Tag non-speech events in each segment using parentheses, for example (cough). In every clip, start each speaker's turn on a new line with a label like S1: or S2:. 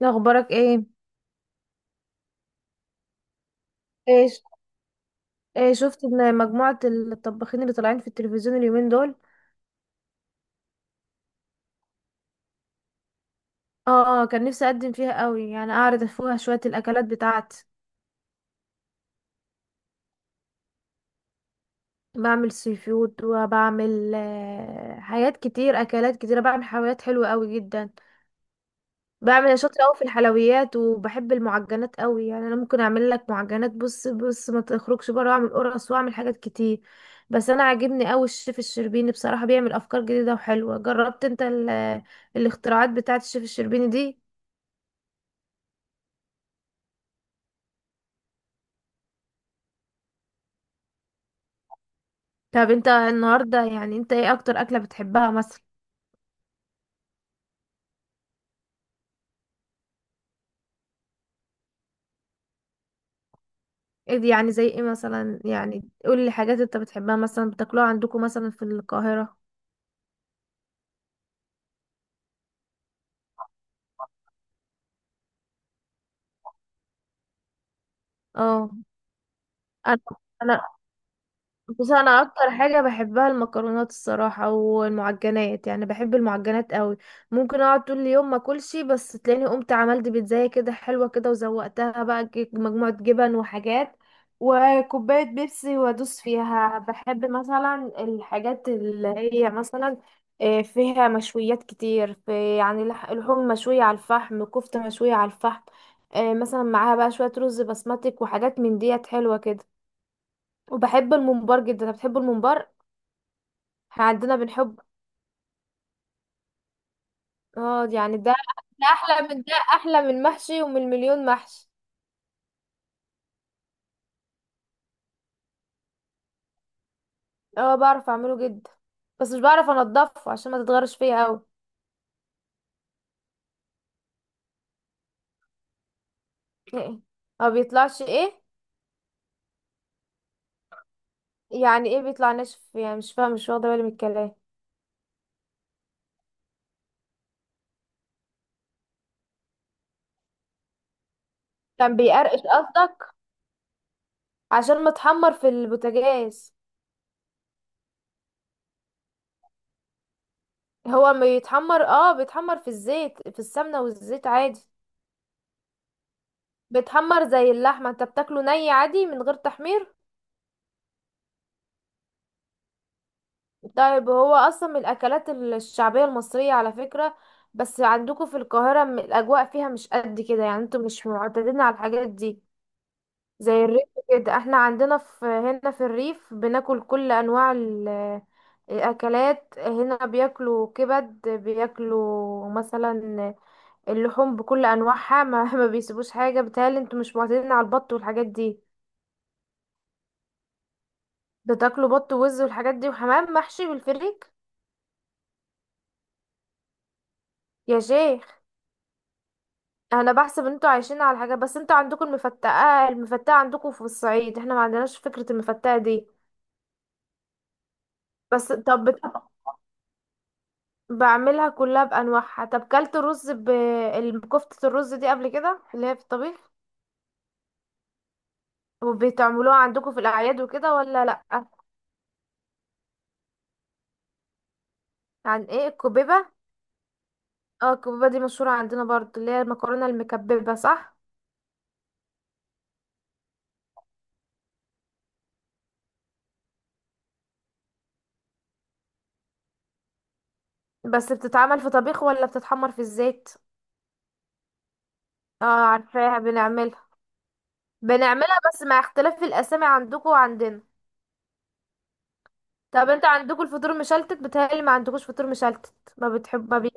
S1: لا، اخبارك ايه؟ ايه ش- ايه شفت ان مجموعة الطباخين اللي طالعين في التلفزيون اليومين دول. اه. كان نفسي اقدم فيها قوي، يعني اعرض فيها شوية الاكلات بتاعتي. بعمل سي فود، وبعمل حاجات كتير، اكلات كتيرة، بعمل حلويات حلوة قوي جدا. أنا شاطرة أوي في الحلويات وبحب المعجنات أوي، يعني أنا ممكن أعمل لك معجنات، بص بص ما تخرجش بره، وأعمل قرص وأعمل حاجات كتير. بس أنا عاجبني أوي الشيف الشربيني بصراحة، بيعمل أفكار جديدة وحلوة. جربت أنت (hesitation) الاختراعات بتاعة الشيف الشربيني دي؟ طب أنت النهاردة، يعني أنت إيه أكتر أكلة بتحبها مثلا؟ إيه دي يعني؟ زي إيه مثلا؟ يعني قولي حاجات أنت بتحبها، مثلا بتاكلوها عندكم مثلا في القاهرة. اه. أنا انا بس انا اكتر حاجه بحبها المكرونات الصراحه والمعجنات، يعني بحب المعجنات قوي. ممكن اقعد طول اليوم ما اكلش، بس تلاقيني قمت عملت بيتزاية كده حلوه كده، وزوقتها بقى، مجموعه جبن وحاجات وكوبايه بيبسي وادوس فيها. بحب مثلا الحاجات اللي هي مثلا فيها مشويات كتير، في يعني لحوم مشويه على الفحم، كفته مشويه على الفحم. مثلا معاها بقى شويه رز بسمتك وحاجات من ديت حلوه كده. وبحب الممبار جدا، أنا بتحب الممبار، احنا عندنا بنحب. اه يعني ده، ده احلى من المحشي ومن مليون محشي. اه، بعرف اعمله جدا، بس مش بعرف انضفه عشان ما تتغرش فيا قوي. ايه؟ ما بيطلعش ايه؟ يعني ايه بيطلع ناشف؟ يعني مش فاهم، مش واخده بالي من الكلام. كان بيقرقش قصدك؟ عشان متحمر في البوتاجاز. هو ما يتحمر؟ اه، بيتحمر في الزيت، في السمنه والزيت عادي. بيتحمر زي اللحمه، انت بتاكله ني عادي من غير تحمير؟ طيب، هو اصلا من الاكلات الشعبيه المصريه على فكره. بس عندكم في القاهره، الاجواء فيها مش قد كده، يعني انتوا مش معتادين على الحاجات دي. زي الريف كده، احنا عندنا في هنا في الريف بناكل كل انواع الاكلات. هنا بياكلوا كبد، بياكلوا مثلا اللحوم بكل انواعها، ما, (laughs) ما بيسيبوش حاجه. بيتهيألي انتوا مش معتادين على البط والحاجات دي. بتاكلوا بط ووز والحاجات دي وحمام محشي بالفريك. يا شيخ! انا بحسب انتوا عايشين على حاجه، بس انتوا عندكم المفتقه عندكم في الصعيد، احنا ما عندناش فكره المفتقه دي. بس طب بت- بعملها كلها بانواعها. طب كلت رز، كفته الرز دي قبل كده اللي هي في الطبيخ؟ وبتعملوها عندكم في الاعياد وكده ولا لا؟ عن ايه؟ الكبيبه؟ اه، الكبيبه دي مشهوره عندنا برضو، اللي هي المكرونه المكببه، صح؟ بس بتتعمل في طبيخ ولا بتتحمر في الزيت؟ اه، عارفاها، بنعملها بس مع اختلاف الاسامي عندكم وعندنا. طب انت عندكم الفطور مشلتت؟ بتهيألي ما عندكوش فطور مشلتت، ما بتحب، ما بي...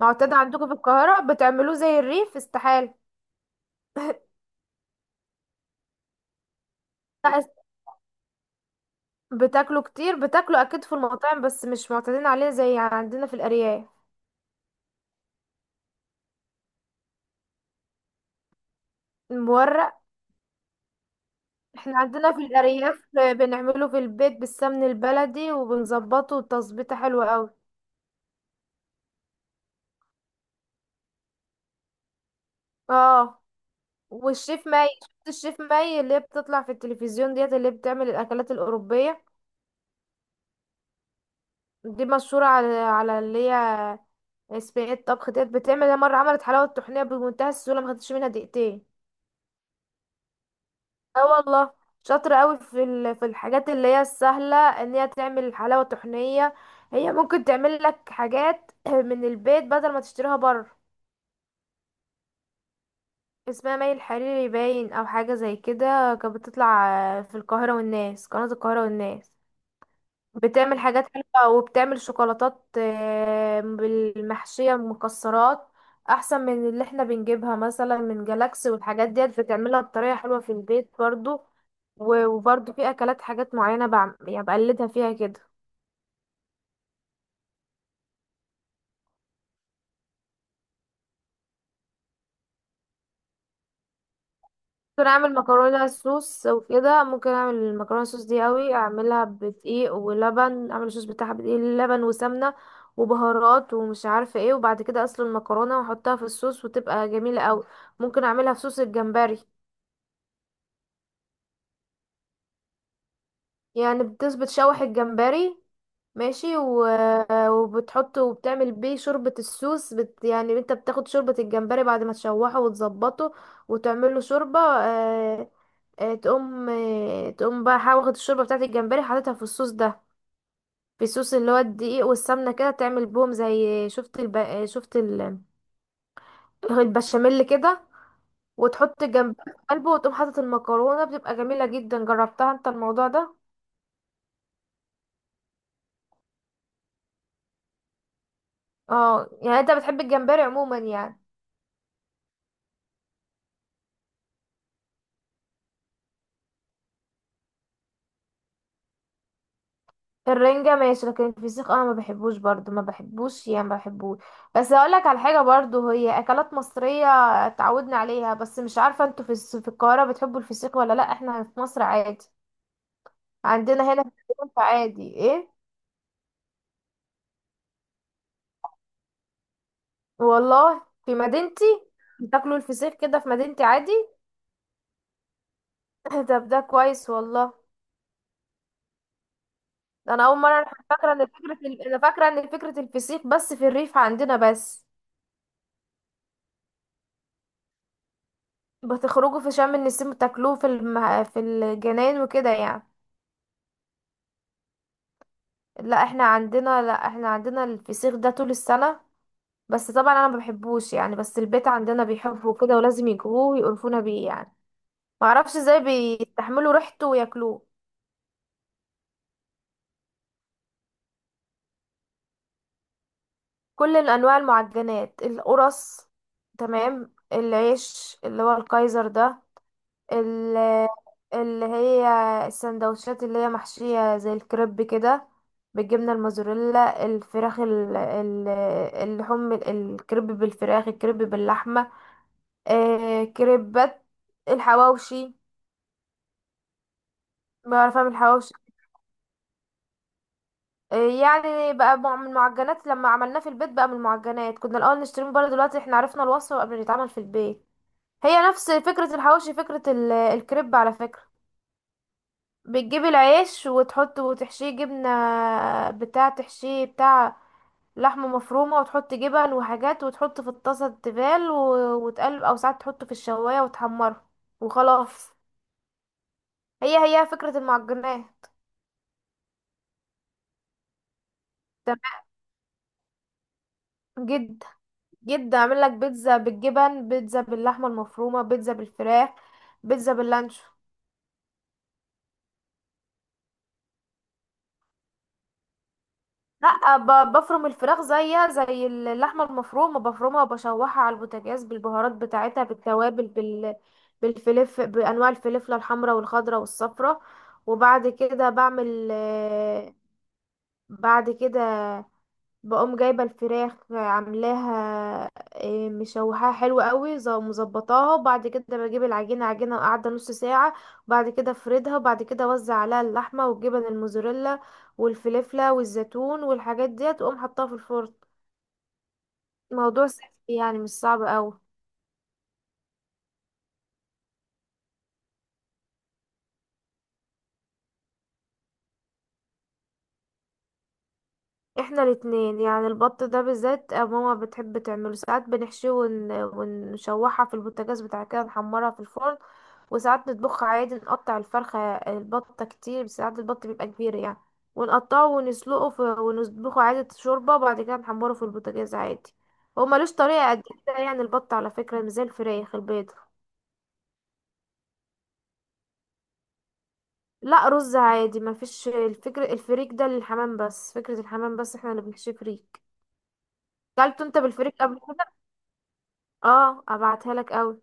S1: معتاد عندكم في القاهرة بتعملوه زي الريف؟ استحالة. لا است- بتاكلوا كتير، بتاكلوا اكيد في المطاعم بس مش معتادين عليه زي عندنا في الارياف. المورق، احنا عندنا في الارياف بنعمله في البيت بالسمن البلدي وبنظبطه تظبيطه حلوة قوي. اه، والشيف ماي، شفت الشيف ماي اللي هي بتطلع في التلفزيون ديت اللي بتعمل الاكلات الاوروبية؟ دي مشهورة على اللي هي صينية طبخ ديت بتعمل. هي مرة عملت حلاوة طحينية بمنتهى السهولة، ما خدتش منها دقيقتين. اه والله، شاطرة قوي في الحاجات اللي هي السهلة، ان هي تعمل حلاوة طحينية. هي ممكن تعمل لك حاجات (clears throat) من البيت بدل ما تشتريها بره. اسمها مي الحريري، باين او حاجة زي كده. كانت بتطلع في القاهرة والناس، قناة القاهرة والناس. بتعمل حاجات حلوة وبتعمل شوكولاتات بالمحشية مكسرات، احسن من اللي احنا بنجيبها مثلا من جالاكسي. والحاجات ديت بتعملها بطريقة حلوة في البيت برضو. وبرضو في اكلات، حاجات معينة يعني بقلدها فيها كده. ممكن اعمل مكرونة صوص وكده. ممكن اعمل المكرونة صوص دي قوي، اعملها بدقيق ولبن، اعمل الصوص بتاعها بدقيق لبن وسمنة وبهارات ومش عارفة ايه، وبعد كده اسلق المكرونة واحطها في الصوص وتبقى جميلة قوي. ممكن اعملها في صوص الجمبري. يعني بتشوح الجمبري، ماشي، وبتحطه وبتعمل بيه شوربة السوس. يعني انت بتاخد شوربة الجمبري بعد ما تشوحه وتظبطه وتعمله شوربة، تقوم، تقوم بقى، واخد الشوربة بتاعت الجمبري حاططها في الصوص ده، في الصوص اللي هو الدقيق والسمنة كده، تعمل بهم زي شفت البشاميل كده. وتحط الجمبري في قلبه وتقوم حاطط المكرونة، بتبقى جميلة جدا. جربتها انت الموضوع ده؟ اه يعني انت بتحب الجمبري عموما يعني. الرنجة ماشي، لكن الفسيخ انا ما بحبوش برضو، ما بحبوش، يعني ما بحبوش. بس هقولك على حاجة برضو، هي اكلات مصرية اتعودنا عليها، بس مش عارفة انتوا في القاهرة بتحبوا الفسيخ ولا لا. احنا في مصر عادي، عندنا هنا في الفيوم عادي. ايه؟ والله؟ في مدينتي بتاكلوا الفسيخ كده؟ في مدينتي عادي. (laughs) طب ده كويس والله. ده انا اول مرة فاكرة ان فكرة الفسيخ بس في الريف عندنا بس. بتخرجوا في شم النسيم بتاكلوه في الجناين وكده يعني. لا احنا عندنا الفسيخ ده طول السنة. بس طبعا انا ما بحبوش يعني، بس البيت عندنا بيحبوا كده، ولازم يجيبوه ويقرفونا بيه يعني. ما اعرفش ازاي بيستحملوا ريحته وياكلوه. كل الانواع المعجنات، القرص، تمام، العيش اللي هو الكايزر ده، ال- اللي هي السندوتشات اللي هي محشية زي الكريب كده، بالجبنة الموزاريلا، الفراخ، اللحوم، الكريب بالفراخ، الكريب باللحمة، كريبات، الحواوشي. بعرف اعمل حواوشي. آه يعني بقى، من المعجنات، لما عملناه في البيت بقى من المعجنات. كنا الاول نشتري من بره، دلوقتي احنا عرفنا الوصفه قبل ما يتعمل في البيت. هي نفس فكره الحواوشي، فكره الكريب على فكره. بتجيب العيش وتحط وتحشيه جبنه، بتاع تحشيه بتاع لحمه مفرومه، وتحط جبن وحاجات وتحط في الطاسه تبال وتقلب، او ساعات تحطه في الشوايه وتحمره وخلاص. هي هي فكره المعجنات. تمام، جدا جدا، اعمل لك بيتزا بالجبن، بيتزا باللحمه المفرومه، بيتزا بالفراخ، بيتزا باللانشو. لا، بفرم الفراخ زيها زي اللحمه المفرومه، بفرمها وبشوحها على البوتاجاز بالبهارات بتاعتها، بالتوابل، بالفلف، بانواع الفلفله الحمراء والخضراء والصفراء. وبعد كده بعمل بعد كده بقوم جايبة الفراخ عاملاها إيه، مشوحاها حلو قوي، مظبطاها، وبعد كده بجيب العجينة، عجينة قاعدة نص ساعة، وبعد كده افردها، وبعد كده اوزع عليها اللحمة والجبن الموزاريلا والفلفلة والزيتون والحاجات ديت، واقوم حطاها في الفرن. موضوع سهل يعني، مش صعب قوي. احنا الاتنين. يعني البط ده بالذات ماما بتحب تعمله، ساعات بنحشيه ونشوحها في البوتاجاز بتاع كده، نحمرها في الفرن. وساعات نطبخها عادي، نقطع الفرخة البطة كتير، ساعات البط بيبقى كبير يعني، ونقطعه ونسلقه ونطبخه عادي شوربة، وبعد كده نحمره في البوتاجاز عادي. هو ملوش طريقة قد كده يعني، البط على فكرة مش زي الفراخ البيض. لا، رز عادي، مفيش. الفكرة الفريك ده للحمام بس، فكرة الحمام بس، احنا اللي بنحشيه فريك. كلته انت بالفريك قبل؟ اه، ابعتها لك قوي.